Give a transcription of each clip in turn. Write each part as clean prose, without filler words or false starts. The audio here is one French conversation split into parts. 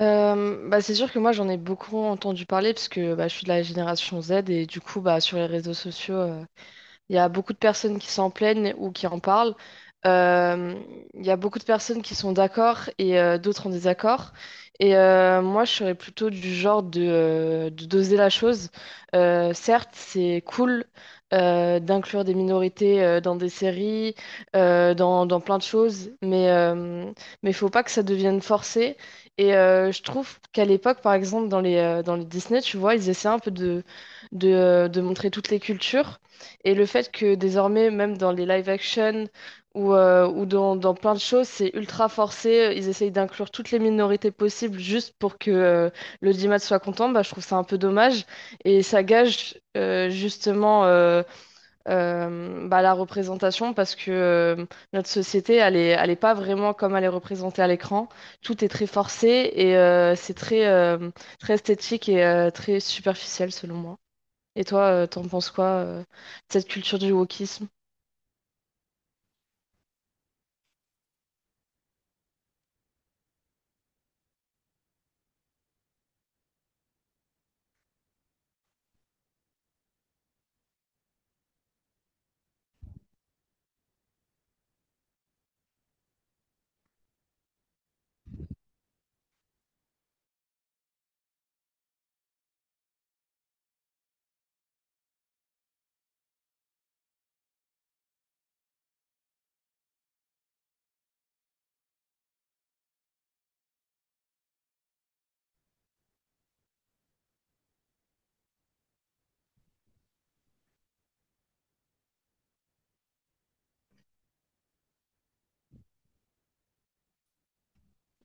Bah, c'est sûr que moi j'en ai beaucoup entendu parler parce que bah, je suis de la génération Z et du coup bah, sur les réseaux sociaux il y a beaucoup de personnes qui s'en plaignent ou qui en parlent. Euh, il y a beaucoup de personnes qui sont d'accord et d'autres en désaccord. Et moi, je serais plutôt du genre de doser la chose. Certes, c'est cool d'inclure des minorités dans des séries, dans, dans plein de choses, mais mais faut pas que ça devienne forcé. Et je trouve qu'à l'époque, par exemple, dans les Disney, tu vois, ils essaient un peu de montrer toutes les cultures. Et le fait que désormais, même dans les live action ou dans plein de choses, c'est ultra forcé. Ils essayent d'inclure toutes les minorités possibles juste pour que l'audimat soit content. Bah, je trouve ça un peu dommage. Et ça gage justement bah, la représentation parce que notre société, elle est pas vraiment comme elle est représentée à l'écran. Tout est très forcé et c'est très esthétique et très superficiel selon moi. Et toi, t'en penses quoi, de cette culture du wokisme?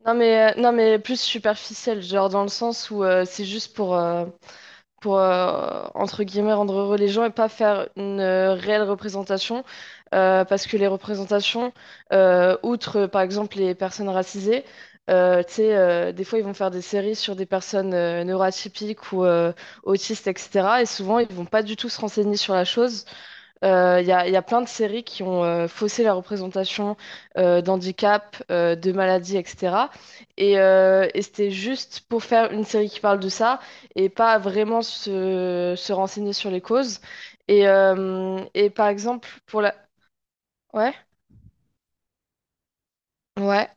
Non mais plus superficielle, genre dans le sens où c'est juste pour, entre guillemets rendre heureux les gens et pas faire une réelle représentation. Parce que les représentations, outre par exemple les personnes racisées, tu sais, des fois ils vont faire des séries sur des personnes neuroatypiques ou autistes, etc. Et souvent ils vont pas du tout se renseigner sur la chose. Il y a plein de séries qui ont faussé la représentation d'handicap, de maladie, etc. Et c'était juste pour faire une série qui parle de ça et pas vraiment se renseigner sur les causes. Et par exemple, pour la. Ouais, ouais.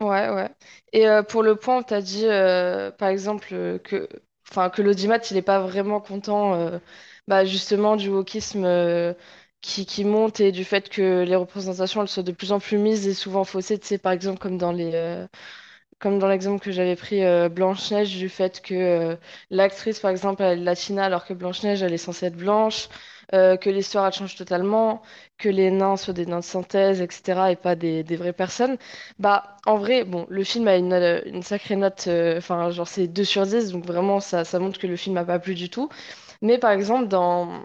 Ouais, ouais. Et pour le point, tu as dit, par exemple, enfin, que l'audimat, il n'est pas vraiment content bah, justement du wokisme qui monte et du fait que les représentations, elles soient de plus en plus mises et souvent faussées, tu sais, par exemple, comme dans l'exemple que j'avais pris Blanche-Neige, du fait que l'actrice, par exemple, elle est latina alors que Blanche-Neige, elle est censée être blanche, que l'histoire, elle change totalement, que les nains soient des nains de synthèse, etc., et pas des vraies personnes. Bah, en vrai, bon, le film a une sacrée note, enfin, genre, c'est 2/10 donc vraiment, ça montre que le film n'a pas plu du tout. Mais par exemple, dans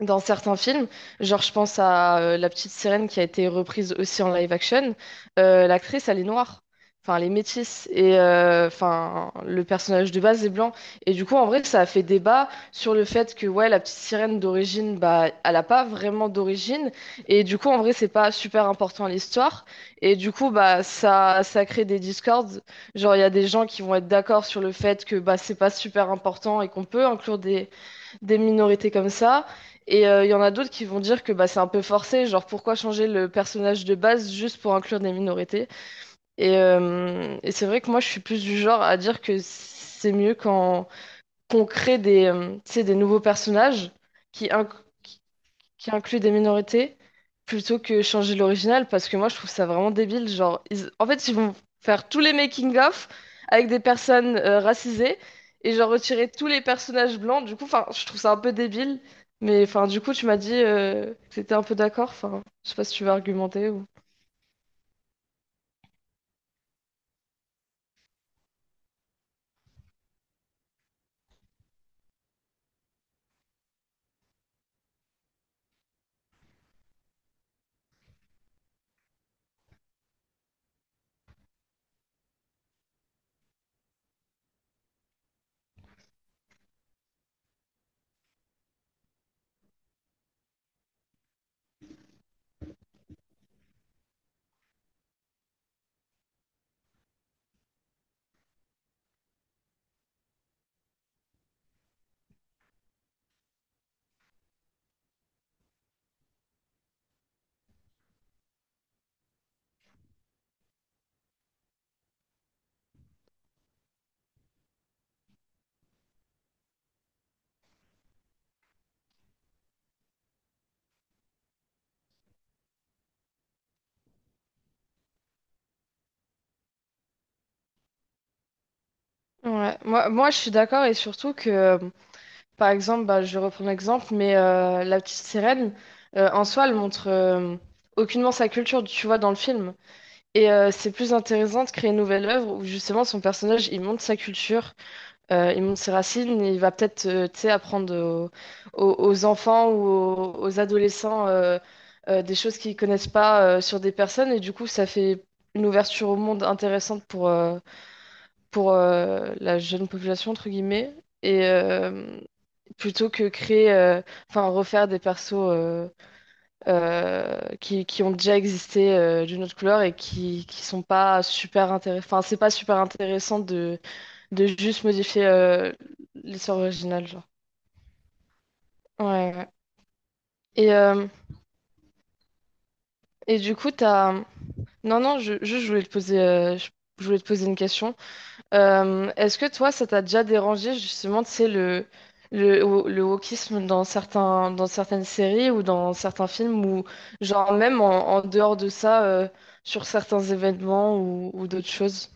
dans certains films. Genre, je pense à La Petite Sirène qui a été reprise aussi en live action. L'actrice, elle est noire. Enfin, elle est métisse. Et enfin, le personnage de base est blanc. Et du coup, en vrai, ça a fait débat sur le fait que, ouais, La Petite Sirène d'origine, bah, elle n'a pas vraiment d'origine. Et du coup, en vrai, c'est pas super important à l'histoire. Et du coup, bah, ça crée des discords. Genre, il y a des gens qui vont être d'accord sur le fait que, bah, c'est pas super important et qu'on peut inclure des minorités comme ça. Et il y en a d'autres qui vont dire que bah, c'est un peu forcé, genre pourquoi changer le personnage de base juste pour inclure des minorités? Et c'est vrai que moi je suis plus du genre à dire que c'est mieux quand tu sais, des nouveaux personnages qui, inc- qui inclut des minorités plutôt que changer l'original parce que moi je trouve ça vraiment débile. Genre, en fait, ils vont faire tous les making-of avec des personnes racisées et genre retirer tous les personnages blancs. Du coup, enfin, je trouve ça un peu débile. Mais enfin, du coup, tu m'as dit que t'étais un peu d'accord. Enfin, je sais pas si tu veux argumenter ou. Ouais, moi je suis d'accord et surtout que, par exemple, bah, je vais reprendre l'exemple, mais la petite sirène, en soi, elle montre aucunement sa culture, tu vois, dans le film. Et c'est plus intéressant de créer une nouvelle œuvre où justement son personnage il montre sa culture, il montre ses racines, et il va peut-être tu sais, apprendre aux enfants ou aux adolescents des choses qu'ils connaissent pas sur des personnes et du coup ça fait une ouverture au monde intéressante pour, la jeune population entre guillemets et plutôt que créer enfin refaire des persos qui ont déjà existé d'une autre couleur et qui sont pas super intéressants. Enfin, c'est pas super intéressant de, juste modifier l'histoire originale, genre. Ouais, ouais. Et, euh, et du coup, t'as. Non, non, juste, je voulais te je voulais te poser une question. Est-ce que toi, ça t'a déjà dérangé justement, tu sais, le wokisme dans dans certaines séries ou dans certains films ou genre même en dehors de ça, sur certains événements ou d'autres choses?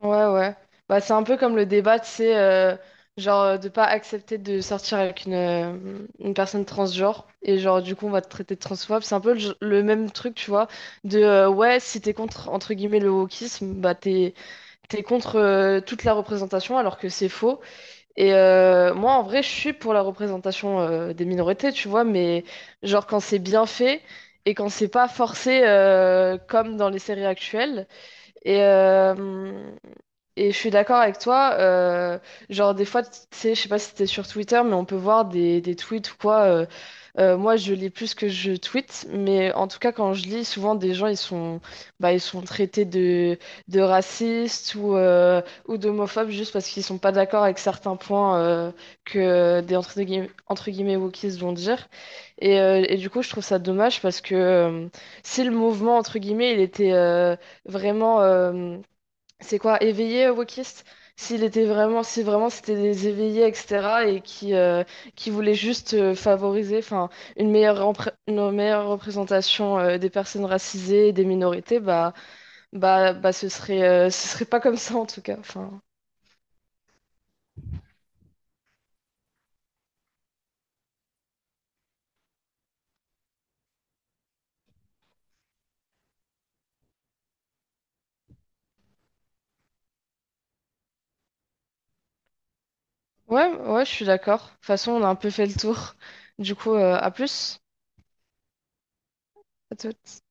Ouais, ouais. Bah, c'est un peu comme le débat, tu sais, genre de pas accepter de sortir avec une personne transgenre et genre du coup on va te traiter de transphobe. C'est un peu le même truc, tu vois, de ouais, si t'es contre, entre guillemets, le wokisme, bah t'es contre toute la représentation alors que c'est faux. Et moi, en vrai, je suis pour la représentation des minorités, tu vois, mais genre quand c'est bien fait et quand c'est pas forcé comme dans les séries actuelles. Et, euh, et je suis d'accord avec toi. Genre, des fois, tu sais, je sais pas si t'es sur Twitter, mais on peut voir des tweets ou quoi. Moi, je lis plus que je tweete, mais en tout cas, quand je lis, souvent des gens, bah, ils sont traités de racistes ou d'homophobes juste parce qu'ils sont pas d'accord avec certains points que des entre guillemets wokistes vont dire. Et du coup, je trouve ça dommage parce que si le mouvement, entre guillemets, il était vraiment. C'est quoi, éveillé, wokiste? Si vraiment c'était des éveillés, etc., et qui voulaient juste favoriser, enfin, une meilleure représentation des personnes racisées, et des minorités, bah, ce serait pas comme ça en tout cas. Enfin, ouais, ouais, je suis d'accord. De toute façon, on a un peu fait le tour. Du coup, à plus. À toutes.